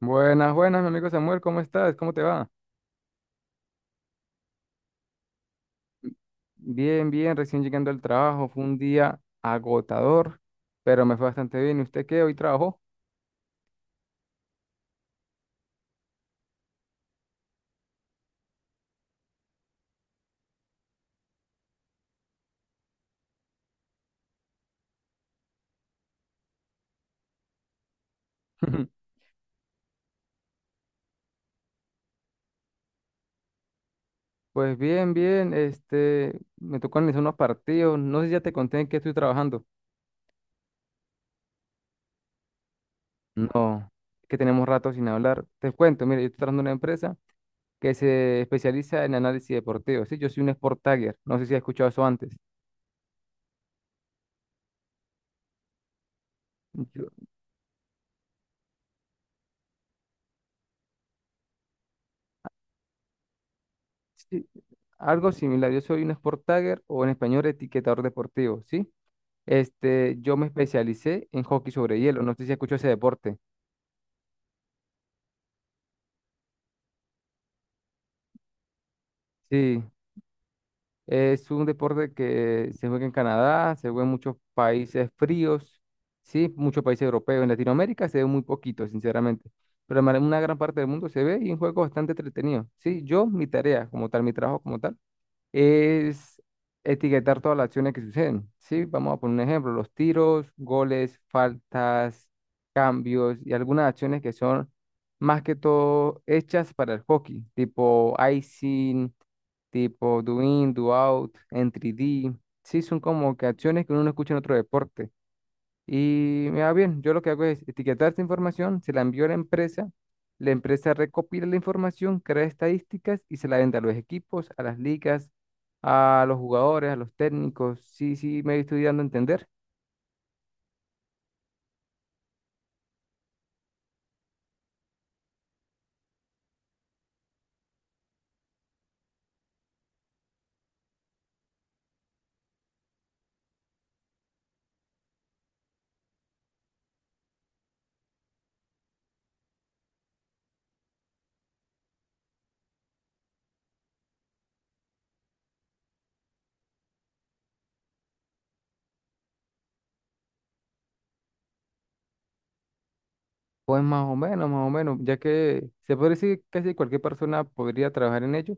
Buenas, buenas, mi amigo Samuel, ¿cómo estás? ¿Cómo te va? Bien, bien, recién llegando al trabajo, fue un día agotador, pero me fue bastante bien. ¿Y usted qué? ¿Hoy trabajó? Pues bien, bien, este, me tocó analizar unos partidos, no sé si ya te conté en qué estoy trabajando. No, es que tenemos rato sin hablar. Te cuento, mire, yo estoy trabajando en una empresa que se especializa en análisis deportivo. Sí, yo soy un Sport Tagger, no sé si has escuchado eso antes. Yo- sí, algo similar, yo soy un Sport Tagger o en español etiquetador deportivo, ¿sí? Este, yo me especialicé en hockey sobre hielo. No sé si escucho ese deporte. Sí, es un deporte que se juega en Canadá, se juega en muchos países fríos, sí, muchos países europeos. En Latinoamérica se ve muy poquito, sinceramente. Pero en una gran parte del mundo se ve y es un juego bastante entretenido. Sí, yo, mi tarea como tal, mi trabajo como tal, es etiquetar todas las acciones que suceden. Sí, vamos a poner un ejemplo, los tiros, goles, faltas, cambios y algunas acciones que son más que todo hechas para el hockey, tipo icing, tipo do in, do out, entry D. Sí, son como que acciones que uno no escucha en otro deporte. Y me va bien, yo lo que hago es etiquetar esta información, se la envío a la empresa recopila la información, crea estadísticas y se la vende a los equipos, a las ligas, a los jugadores, a los técnicos. Sí, sí, me estoy dando a entender. Pues más o menos, ya que se puede decir que casi cualquier persona podría trabajar en ello,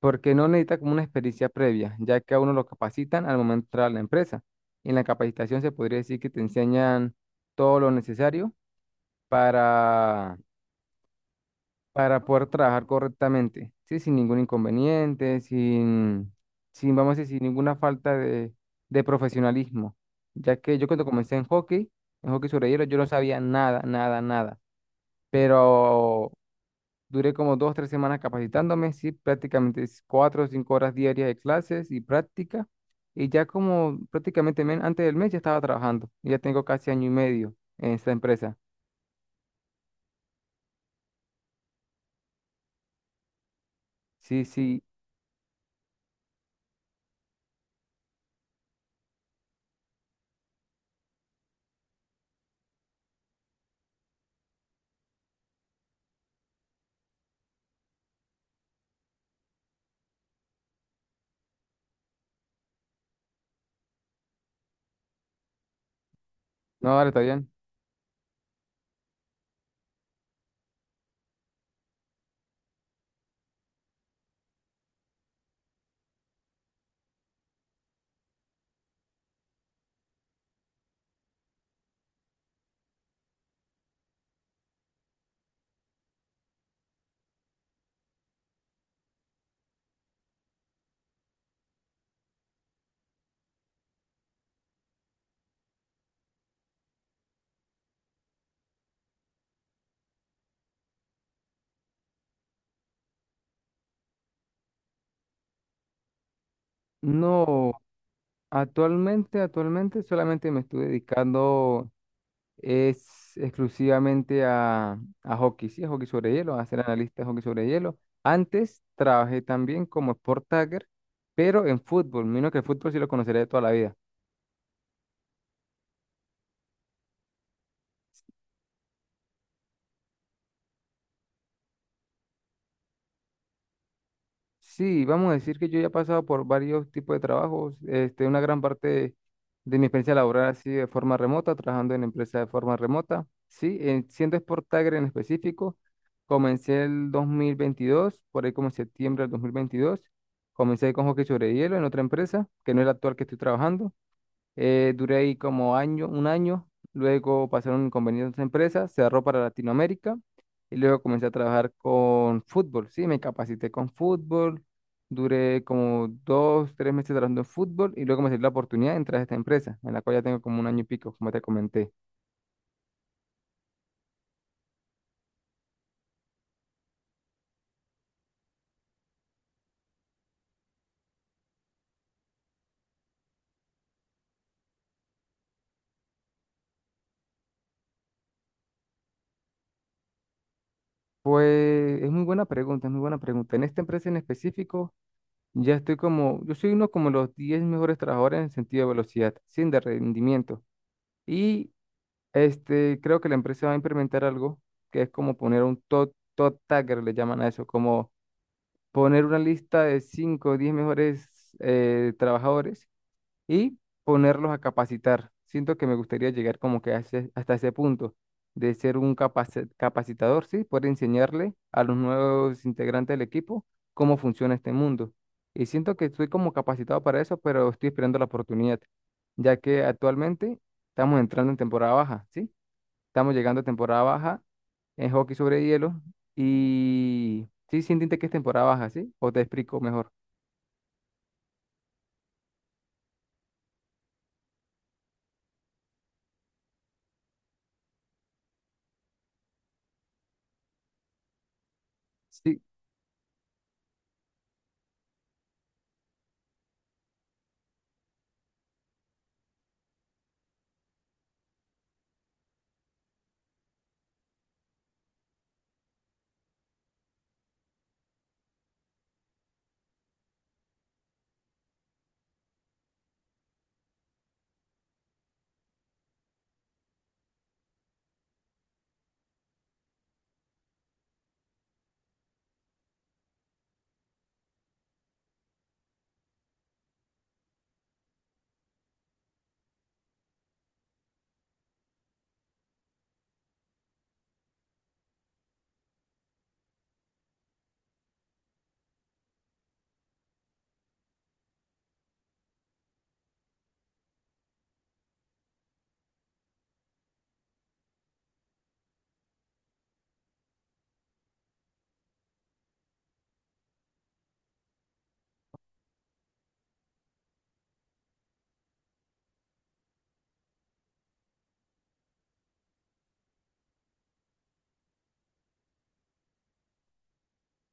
porque no necesita como una experiencia previa, ya que a uno lo capacitan al momento de entrar a la empresa. En la capacitación se podría decir que te enseñan todo lo necesario para para poder trabajar correctamente, ¿sí? Sin ningún inconveniente, sin vamos a decir, sin ninguna falta de profesionalismo, ya que yo cuando comencé en hockey sobre hielo, yo no sabía nada, nada, nada, pero duré como dos, tres semanas capacitándome. Sí, prácticamente es cuatro o cinco horas diarias de clases y práctica, y ya como prácticamente antes del mes ya estaba trabajando, y ya tengo casi año y medio en esta empresa. Sí, sí, no, ahora está bien. No, actualmente solamente me estoy dedicando es exclusivamente a hockey, sí, a hockey sobre hielo, a ser analista de hockey sobre hielo. Antes trabajé también como sport tagger, pero en fútbol, menos que el fútbol sí lo conoceré de toda la vida. Sí, vamos a decir que yo ya he pasado por varios tipos de trabajos. Este, una gran parte de, mi experiencia laboral ha sido de forma remota, trabajando en empresas de forma remota. Sí, siendo Sport Tiger en específico, comencé el 2022, por ahí como en septiembre del 2022. Comencé con hockey sobre hielo en otra empresa, que no es la actual que estoy trabajando. Duré ahí como año, un año, luego pasaron inconvenientes en otra empresa, cerró para Latinoamérica y luego comencé a trabajar con fútbol, sí, me capacité con fútbol, duré como dos, tres meses trabajando en fútbol y luego me salió la oportunidad de entrar a esta empresa, en la cual ya tengo como un año y pico, como te comenté. Pues es muy buena pregunta, es muy buena pregunta. En esta empresa en específico, ya estoy como, yo soy uno como los 10 mejores trabajadores en sentido de velocidad, sin de rendimiento. Y este, creo que la empresa va a implementar algo que es como poner un top, top tagger, le llaman a eso, como poner una lista de 5 o 10 mejores trabajadores y ponerlos a capacitar. Siento que me gustaría llegar como que hasta ese punto de ser un capacitador, ¿sí? Poder enseñarle a los nuevos integrantes del equipo cómo funciona este mundo. Y siento que estoy como capacitado para eso, pero estoy esperando la oportunidad, ya que actualmente estamos entrando en temporada baja, ¿sí? Estamos llegando a temporada baja en hockey sobre hielo. Y sí, sí entiende que es temporada baja, ¿sí? O te explico mejor. Sí,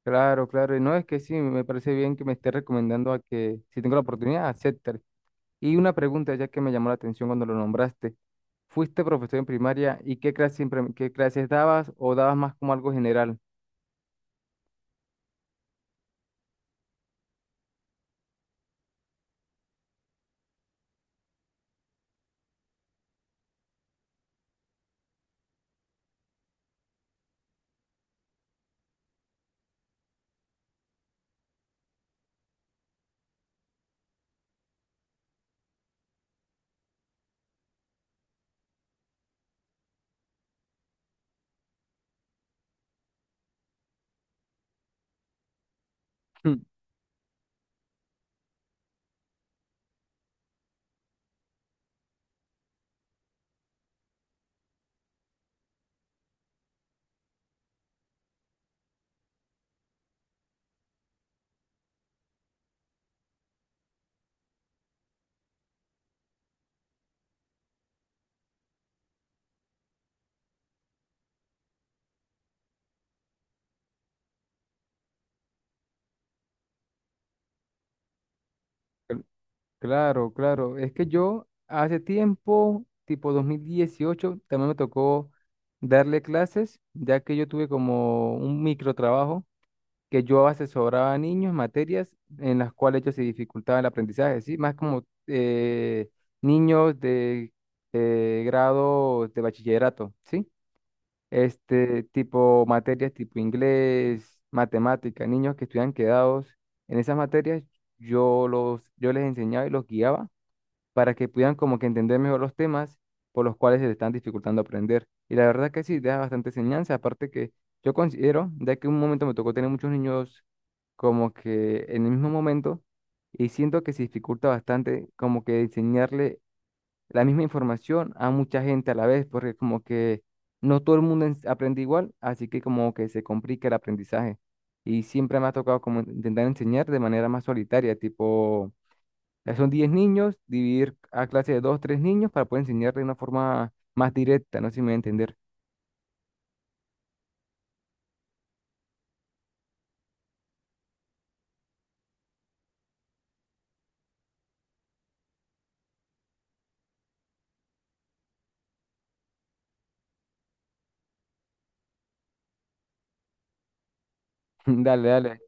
claro, claro. Y no es que sí, me parece bien que me esté recomendando a que, si tengo la oportunidad, aceptar. Y una pregunta ya que me llamó la atención cuando lo nombraste. ¿Fuiste profesor en primaria y qué clases dabas o dabas más como algo general? Claro, claro. Es que yo hace tiempo, tipo 2018 también me tocó darle clases, ya que yo tuve como un microtrabajo que yo asesoraba a niños en materias en las cuales ellos se dificultaba el aprendizaje, ¿sí? Más como niños de grado de bachillerato, ¿sí? Este tipo materias tipo inglés, matemática, niños que estuvieran quedados en esas materias, yo los, yo les enseñaba y los guiaba para que puedan como que entender mejor los temas por los cuales se le están dificultando aprender. Y la verdad que sí, deja bastante enseñanza, aparte que yo considero, ya que un momento me tocó tener muchos niños como que en el mismo momento, y siento que se dificulta bastante como que enseñarle la misma información a mucha gente a la vez, porque como que no todo el mundo aprende igual, así que como que se complica el aprendizaje. Y siempre me ha tocado como intentar enseñar de manera más solitaria, tipo ya son 10 niños, dividir a clase de 2 3 niños para poder enseñar de una forma más directa, no sé si me voy a entender. Dale, dale,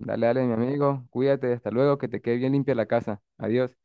dale, dale, mi amigo, cuídate, hasta luego, que te quede bien limpia la casa. Adiós.